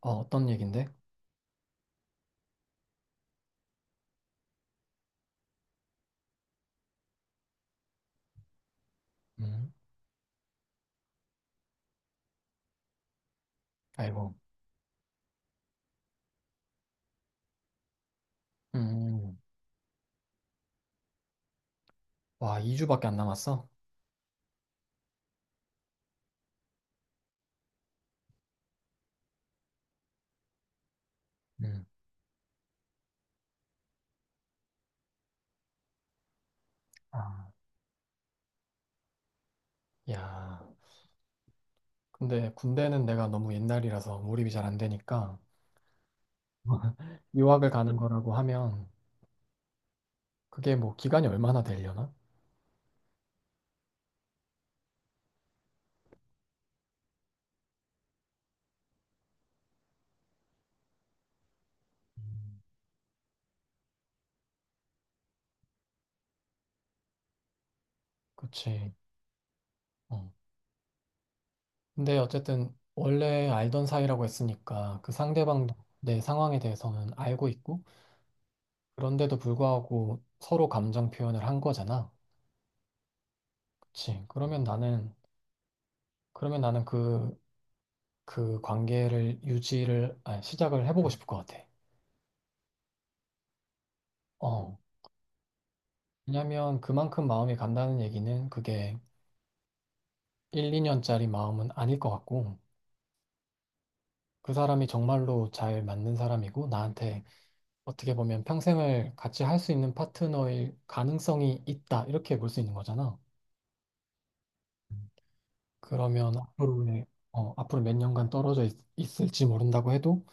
어떤 얘긴데? 음. 아이고. 음. 와, 2주밖에 안 남았어? 음. 아, 야. 근데 군대는 내가 너무 옛날이라서 몰입이 잘 안 되니까 유학을 가는 거라고 하면 그게 뭐 기간이 얼마나 되려나? 음. 그치. 어. 근데 어쨌든 원래 알던 사이라고 했으니까 그 상대방도 내 상황에 대해서는 알고 있고 그런데도 불구하고 서로 감정 표현을 한 거잖아. 그치. 그러면 나는 그 관계를 유지를 아니, 시작을 해보고 싶을 것 같아. 어. 왜냐면 그만큼 마음이 간다는 얘기는 그게 1, 2년짜리 마음은 아닐 것 같고 그 사람이 정말로 잘 맞는 사람이고 나한테 어떻게 보면 평생을 같이 할 수 있는 파트너일 가능성이 있다 이렇게 볼 수 있는 거잖아. 그러면 앞으로의 앞으로 몇 년간 떨어져 있 을지 모른다고 해도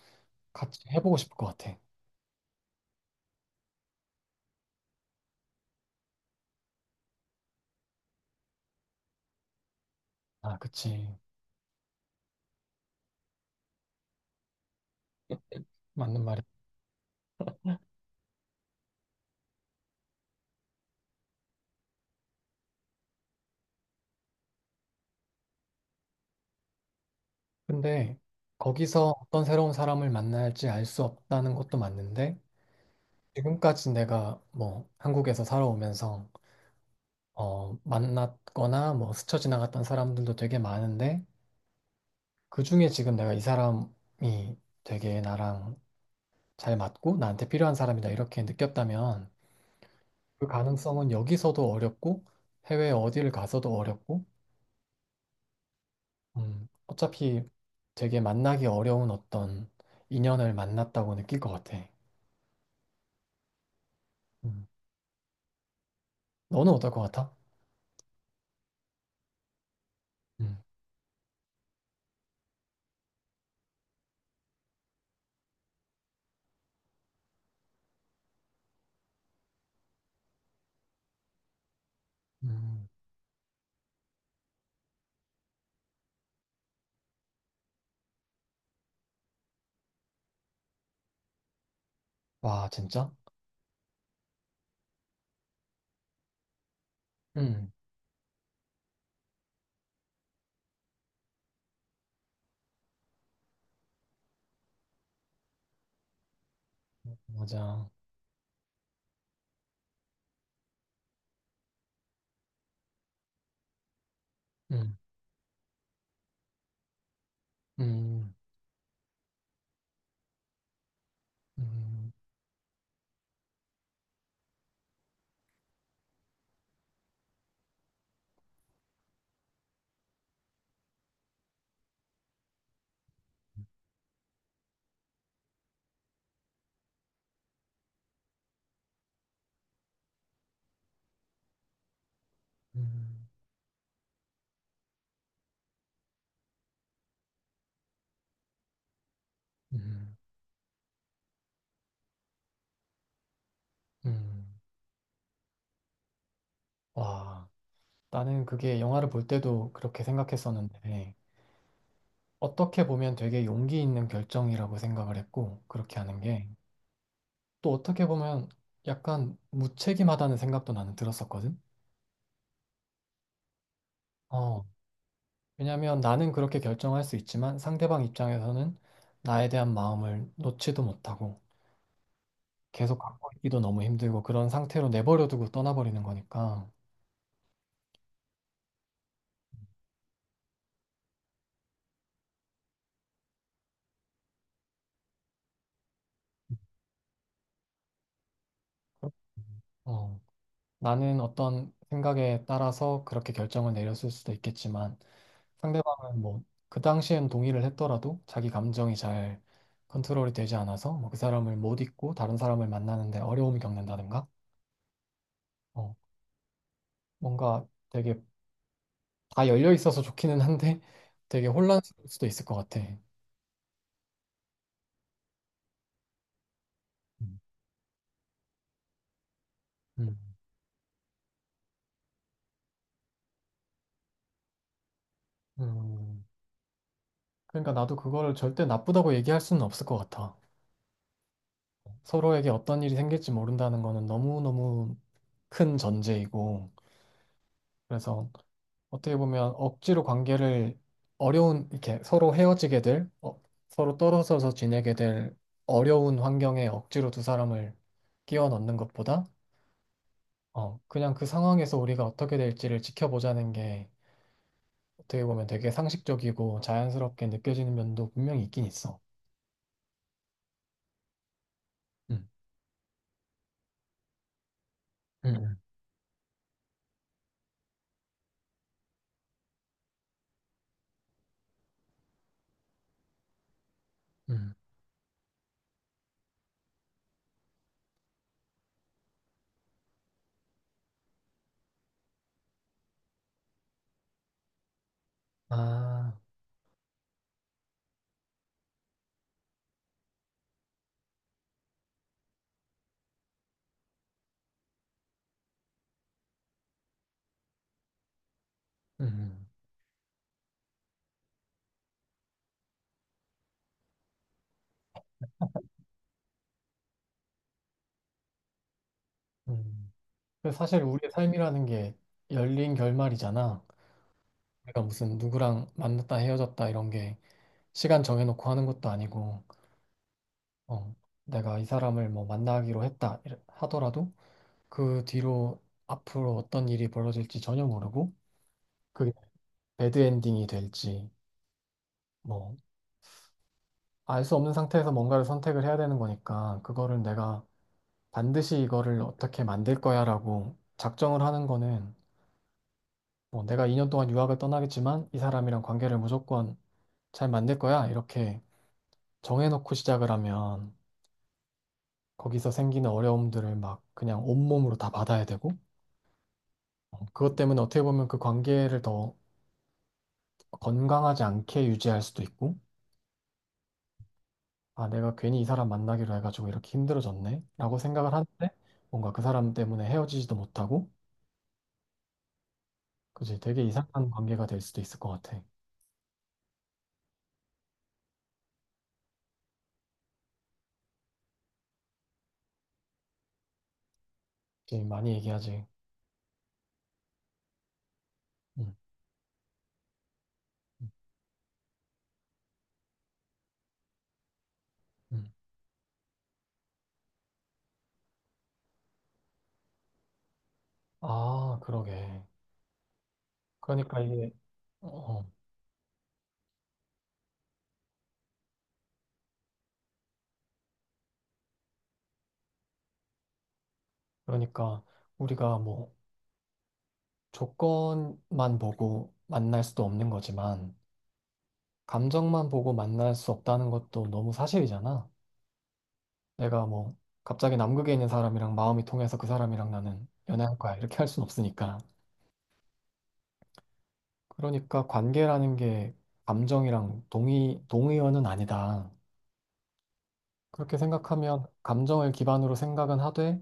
같이 해보고 싶을 것 같아. 아, 그치. 맞는 말이야. 근데 거기서 어떤 새로운 사람을 만날지 알 수 없다는 것도 맞는데 지금까지 내가 뭐 한국에서 살아오면서 만났거나 뭐 스쳐 지나갔던 사람들도 되게 많은데 그중에 지금 내가 이 사람이 되게 나랑 잘 맞고 나한테 필요한 사람이다 이렇게 느꼈다면 그 가능성은 여기서도 어렵고 해외 어디를 가서도 어렵고 어차피 되게 만나기 어려운 어떤 인연을 만났다고 느낄 것 같아. 음. 너는 어떨 것 같아? 음. 음. 와, 진짜? 음. 맞아. 음. 음. 음. 음. 음. 음. 와, 나는 그게 영화를 볼 때도 그렇게 생각했었는데, 어떻게 보면 되게 용기 있는 결정이라고 생각을 했고, 그렇게 하는 게, 또 어떻게 보면 약간 무책임하다는 생각도 나는 들었었거든? 어, 왜냐면 나는 그렇게 결정할 수 있지만 상대방 입장에서는 나에 대한 마음을 놓지도 못하고, 계속 갖고 있기도 너무 힘들고 그런 상태로 내버려두고 떠나버리는 거니까 어, 나는 어떤 생각에 따라서 그렇게 결정을 내렸을 수도 있겠지만 상대방은 뭐 그 당시엔 동의를 했더라도 자기 감정이 잘 컨트롤이 되지 않아서 뭐그 사람을 못 잊고 다른 사람을 만나는데 어려움을 겪는다든가 어, 뭔가 되게 다 열려 있어서 좋기는 한데 되게 혼란스러울 수도 있을 것 같아. 음. 음. 음. 그러니까 나도 그거를 절대 나쁘다고 얘기할 수는 없을 것 같아. 서로에게 어떤 일이 생길지 모른다는 거는 너무너무 큰 전제이고, 그래서 어떻게 보면 억지로 관계를 어려운, 이렇게 서로 헤어지게 될, 어, 서로 떨어져서 지내게 될 어려운 환경에 억지로 두 사람을 끼워 넣는 것보다, 그냥 그 상황에서 우리가 어떻게 될지를 지켜보자는 게 어떻게 보면 되게 상식적이고 자연스럽게 느껴지는 면도 분명히 있긴 있어. 음. 음. 음. 아, 음. 음. 근데 사실 우리의 삶이라는 게 열린 결말이잖아. 우리가 무슨 누구랑 만났다 헤어졌다 이런 게 시간 정해놓고 하는 것도 아니고, 어, 내가 이 사람을 뭐 만나기로 했다 하더라도 그 뒤로 앞으로 어떤 일이 벌어질지 전혀 모르고 그게 배드 엔딩이 될지 뭐 알 수 없는 상태에서 뭔가를 선택을 해야 되는 거니까 그거를 내가 반드시 이거를 어떻게 만들 거야라고 작정을 하는 거는 뭐 내가 2년 동안 유학을 떠나겠지만 이 사람이랑 관계를 무조건 잘 만들 거야. 이렇게 정해놓고 시작을 하면 거기서 생기는 어려움들을 막 그냥 온몸으로 다 받아야 되고, 그것 때문에 어떻게 보면 그 관계를 더 건강하지 않게 유지할 수도 있고, 아, 내가 괜히 이 사람 만나기로 해가지고 이렇게 힘들어졌네? 라고 생각을 하는데, 뭔가 그 사람 때문에 헤어지지도 못하고, 그지? 되게 이상한 관계가 될 수도 있을 것 같아. 지금 많이 얘기하지. 음. 음. 음. 아, 그러게. 그러니까 이게, 어, 그러니까 우리가 뭐, 조건만 보고 만날 수도 없는 거지만, 감정만 보고 만날 수 없다는 것도 너무 사실이잖아. 내가 뭐, 갑자기 남극에 있는 사람이랑 마음이 통해서 그 사람이랑 나는 연애할 거야. 이렇게 할 순 없으니까. 그러니까 관계라는 게 감정이랑 동의어는 아니다. 그렇게 생각하면 감정을 기반으로 생각은 하되,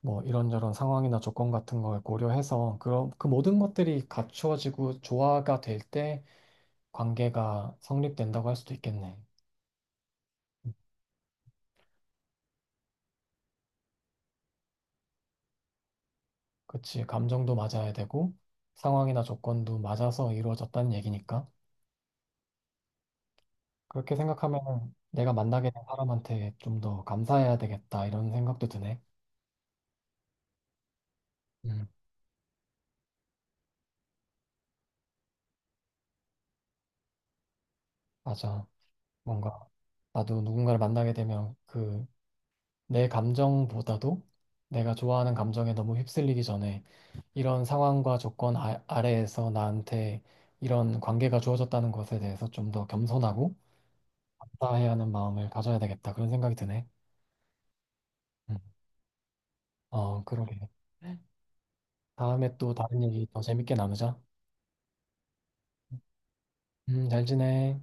뭐 이런저런 상황이나 조건 같은 걸 고려해서 그런 그 모든 것들이 갖추어지고 조화가 될 때 관계가 성립된다고 할 수도 있겠네. 그치. 감정도 맞아야 되고 상황이나 조건도 맞아서 이루어졌다는 얘기니까. 그렇게 생각하면 내가 만나게 된 사람한테 좀 더 감사해야 되겠다 이런 생각도 드네. 음. 맞아. 뭔가 나도 누군가를 만나게 되면 그 내 감정보다도 내가 좋아하는 감정에 너무 휩쓸리기 전에 이런 상황과 조건 아래에서 나한테 이런 관계가 주어졌다는 것에 대해서 좀 더 겸손하고 감사해야 하는 마음을 가져야 되겠다 그런 생각이 드네. 음. 그러게. 다음에 또 다른 얘기 더 재밌게 나누자. 잘 지내.